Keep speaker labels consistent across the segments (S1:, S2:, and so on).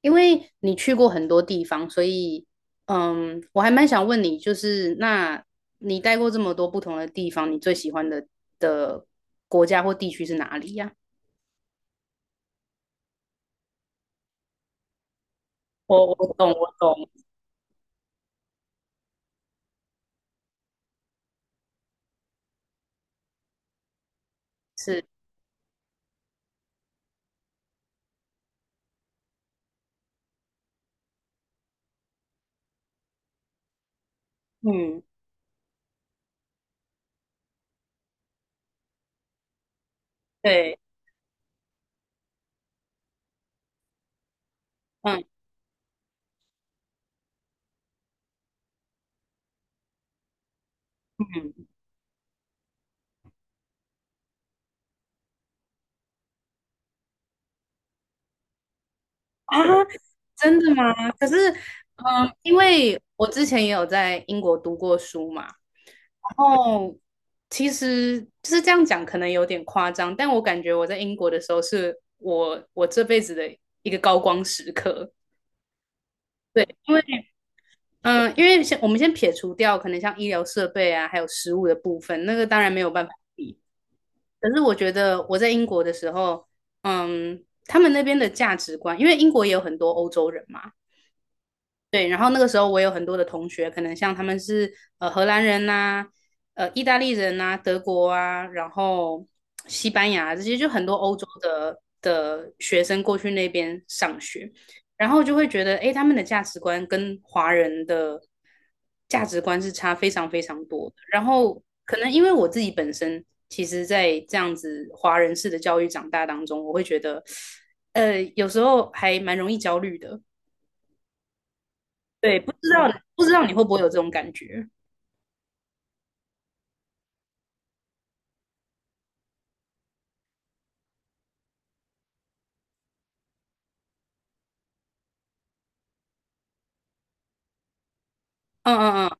S1: 因为你去过很多地方，所以，我还蛮想问你，就是那你待过这么多不同的地方，你最喜欢的国家或地区是哪里呀？我懂，我懂，是，嗯，对，嗯嗯啊，真的吗？可是，因为我之前也有在英国读过书嘛，哦，其实就是这样讲，可能有点夸张，但我感觉我在英国的时候是我这辈子的一个高光时刻。对，因为我们先撇除掉可能像医疗设备啊，还有食物的部分，那个当然没有办法比。可是我觉得我在英国的时候，他们那边的价值观，因为英国也有很多欧洲人嘛，对，然后那个时候我有很多的同学，可能像他们是荷兰人呐、意大利人呐、德国啊，然后西班牙啊这些，就很多欧洲的学生过去那边上学，然后就会觉得，诶，他们的价值观跟华人的价值观是差非常非常多的。然后可能因为我自己本身，其实在这样子华人式的教育长大当中，我会觉得，有时候还蛮容易焦虑的。对，不知道你会不会有这种感觉？嗯嗯嗯，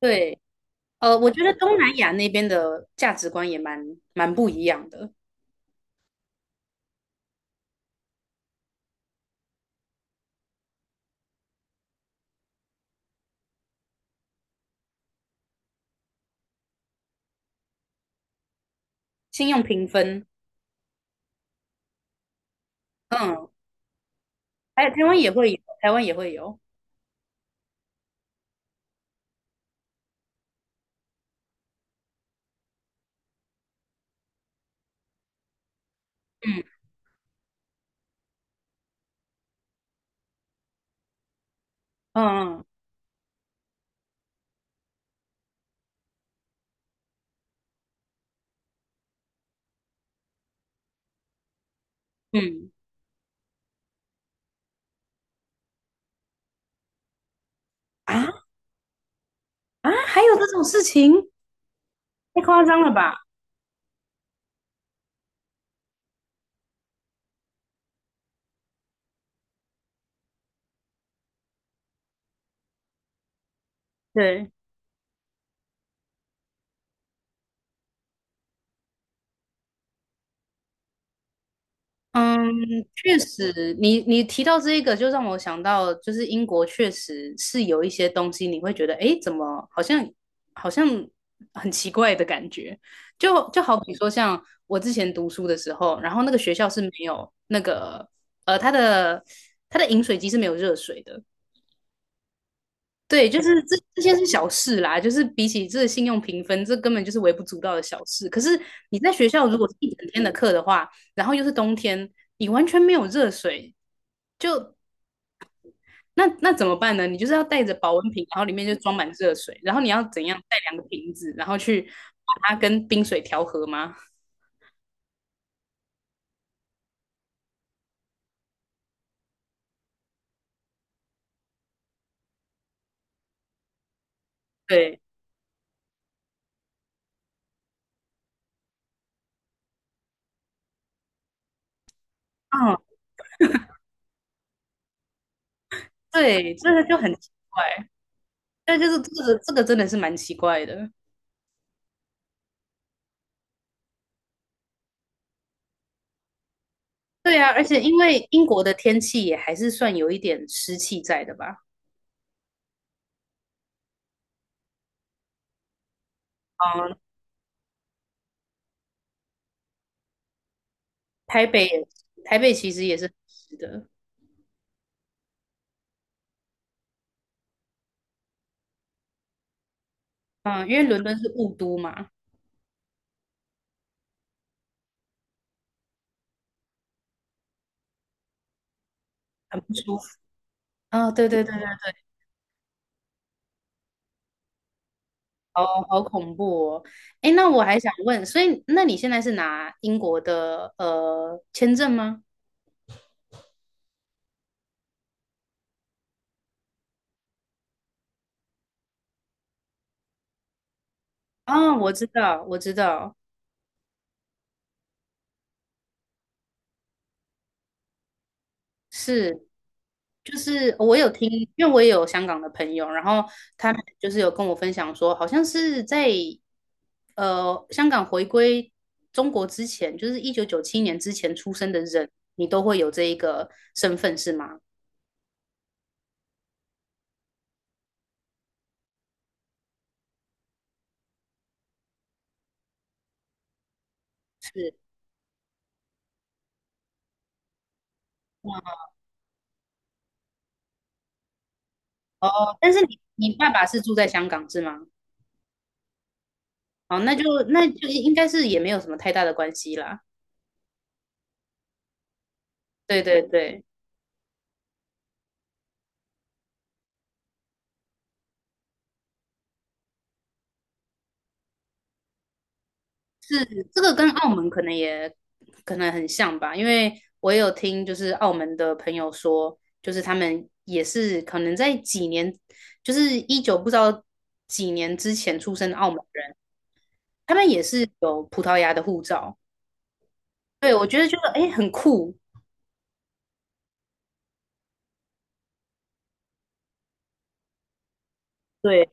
S1: 对，我觉得东南亚那边的价值观也蛮不一样的，信用评分，嗯，还有台湾也会有，台湾也会有，嗯嗯嗯嗯，啊啊，还有这种事情，太夸张了吧？对，嗯，确实，你提到这一个，就让我想到，就是英国确实是有一些东西，你会觉得，诶，怎么好像很奇怪的感觉，就好比说，像我之前读书的时候，然后那个学校是没有那个，它的饮水机是没有热水的，对，就是这些是小事啦，就是比起这信用评分，这根本就是微不足道的小事。可是你在学校如果是一整天的课的话，然后又是冬天，你完全没有热水，那怎么办呢？你就是要带着保温瓶，然后里面就装满热水，然后你要怎样带两个瓶子，然后去把它跟冰水调和吗？对，嗯，对，这个就很奇怪，但就是这个真的是蛮奇怪的。对啊，而且因为英国的天气也还是算有一点湿气在的吧。嗯，台北也，台北其实也是很湿的，嗯，因为伦敦是雾都嘛，很不舒服。哦，对对对对 好好恐怖哦。哎，那我还想问，所以那你现在是拿英国的签证吗？哦，我知道，我知道。是，就是我有听，因为我也有香港的朋友，然后他们就是有跟我分享说，好像是在香港回归中国之前，就是1997年之前出生的人，你都会有这一个身份是吗？是哦，但是你爸爸是住在香港是吗？哦，那就应该是也没有什么太大的关系啦。对对对。是这个跟澳门可能很像吧，因为我也有听就是澳门的朋友说，就是他们也是可能在几年，就是一九不知道几年之前出生的澳门人，他们也是有葡萄牙的护照。对，我觉得就得哎很酷。对，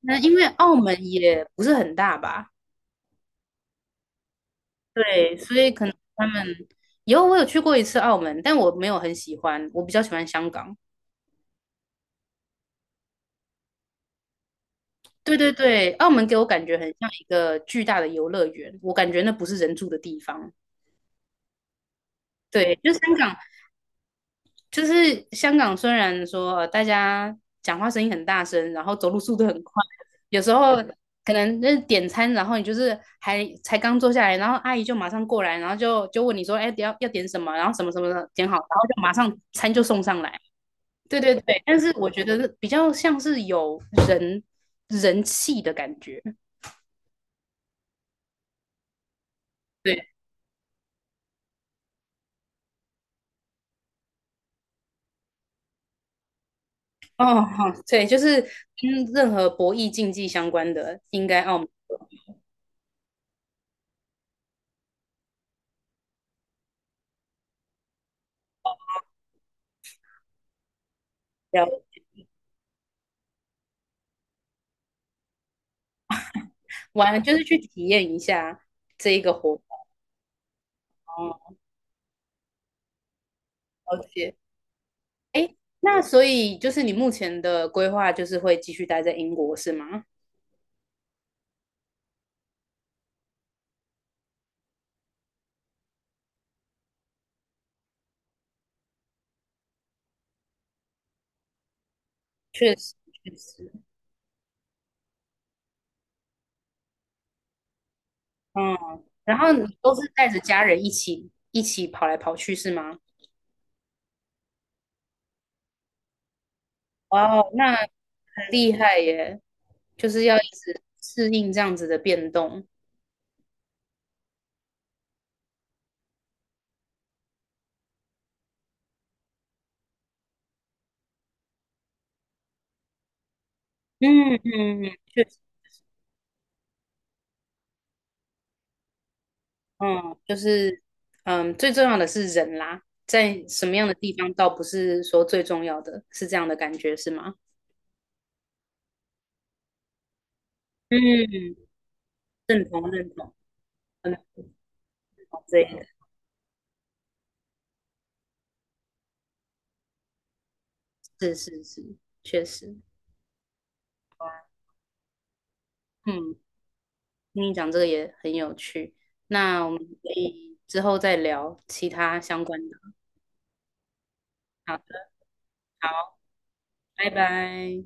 S1: 那因为澳门也不是很大吧，对，所以可能他们以后我有去过一次澳门，但我没有很喜欢，我比较喜欢香港。对对对，澳门给我感觉很像一个巨大的游乐园，我感觉那不是人住的地方。对，就是香港，虽然说大家讲话声音很大声，然后走路速度很快，有时候可能那点餐，然后你就是还才刚坐下来，然后阿姨就马上过来，然后就问你说，哎，要点什么，然后什么什么的点好，然后就马上餐就送上来。对对对，但是我觉得比较像是有人人气的感觉。对哦，好，对，就是跟任何博弈竞技相关的，应该澳门要玩，就是去体验一下这一个活动。哦了解，哎，那所以就是你目前的规划就是会继续待在英国是吗？确实，确实，嗯，然后你都是带着家人一起跑来跑去是吗？哇哦，那很厉害耶，就是要一直适应这样子的变动。嗯嗯嗯，确实。嗯，就是最重要的是人啦，在什么样的地方倒不是说最重要的，是这样的感觉是吗？嗯，认同认同，很好这个是是是，确实，嗯，听你讲这个也很有趣，那我们可以之后再聊其他相关的。好的，好，拜拜。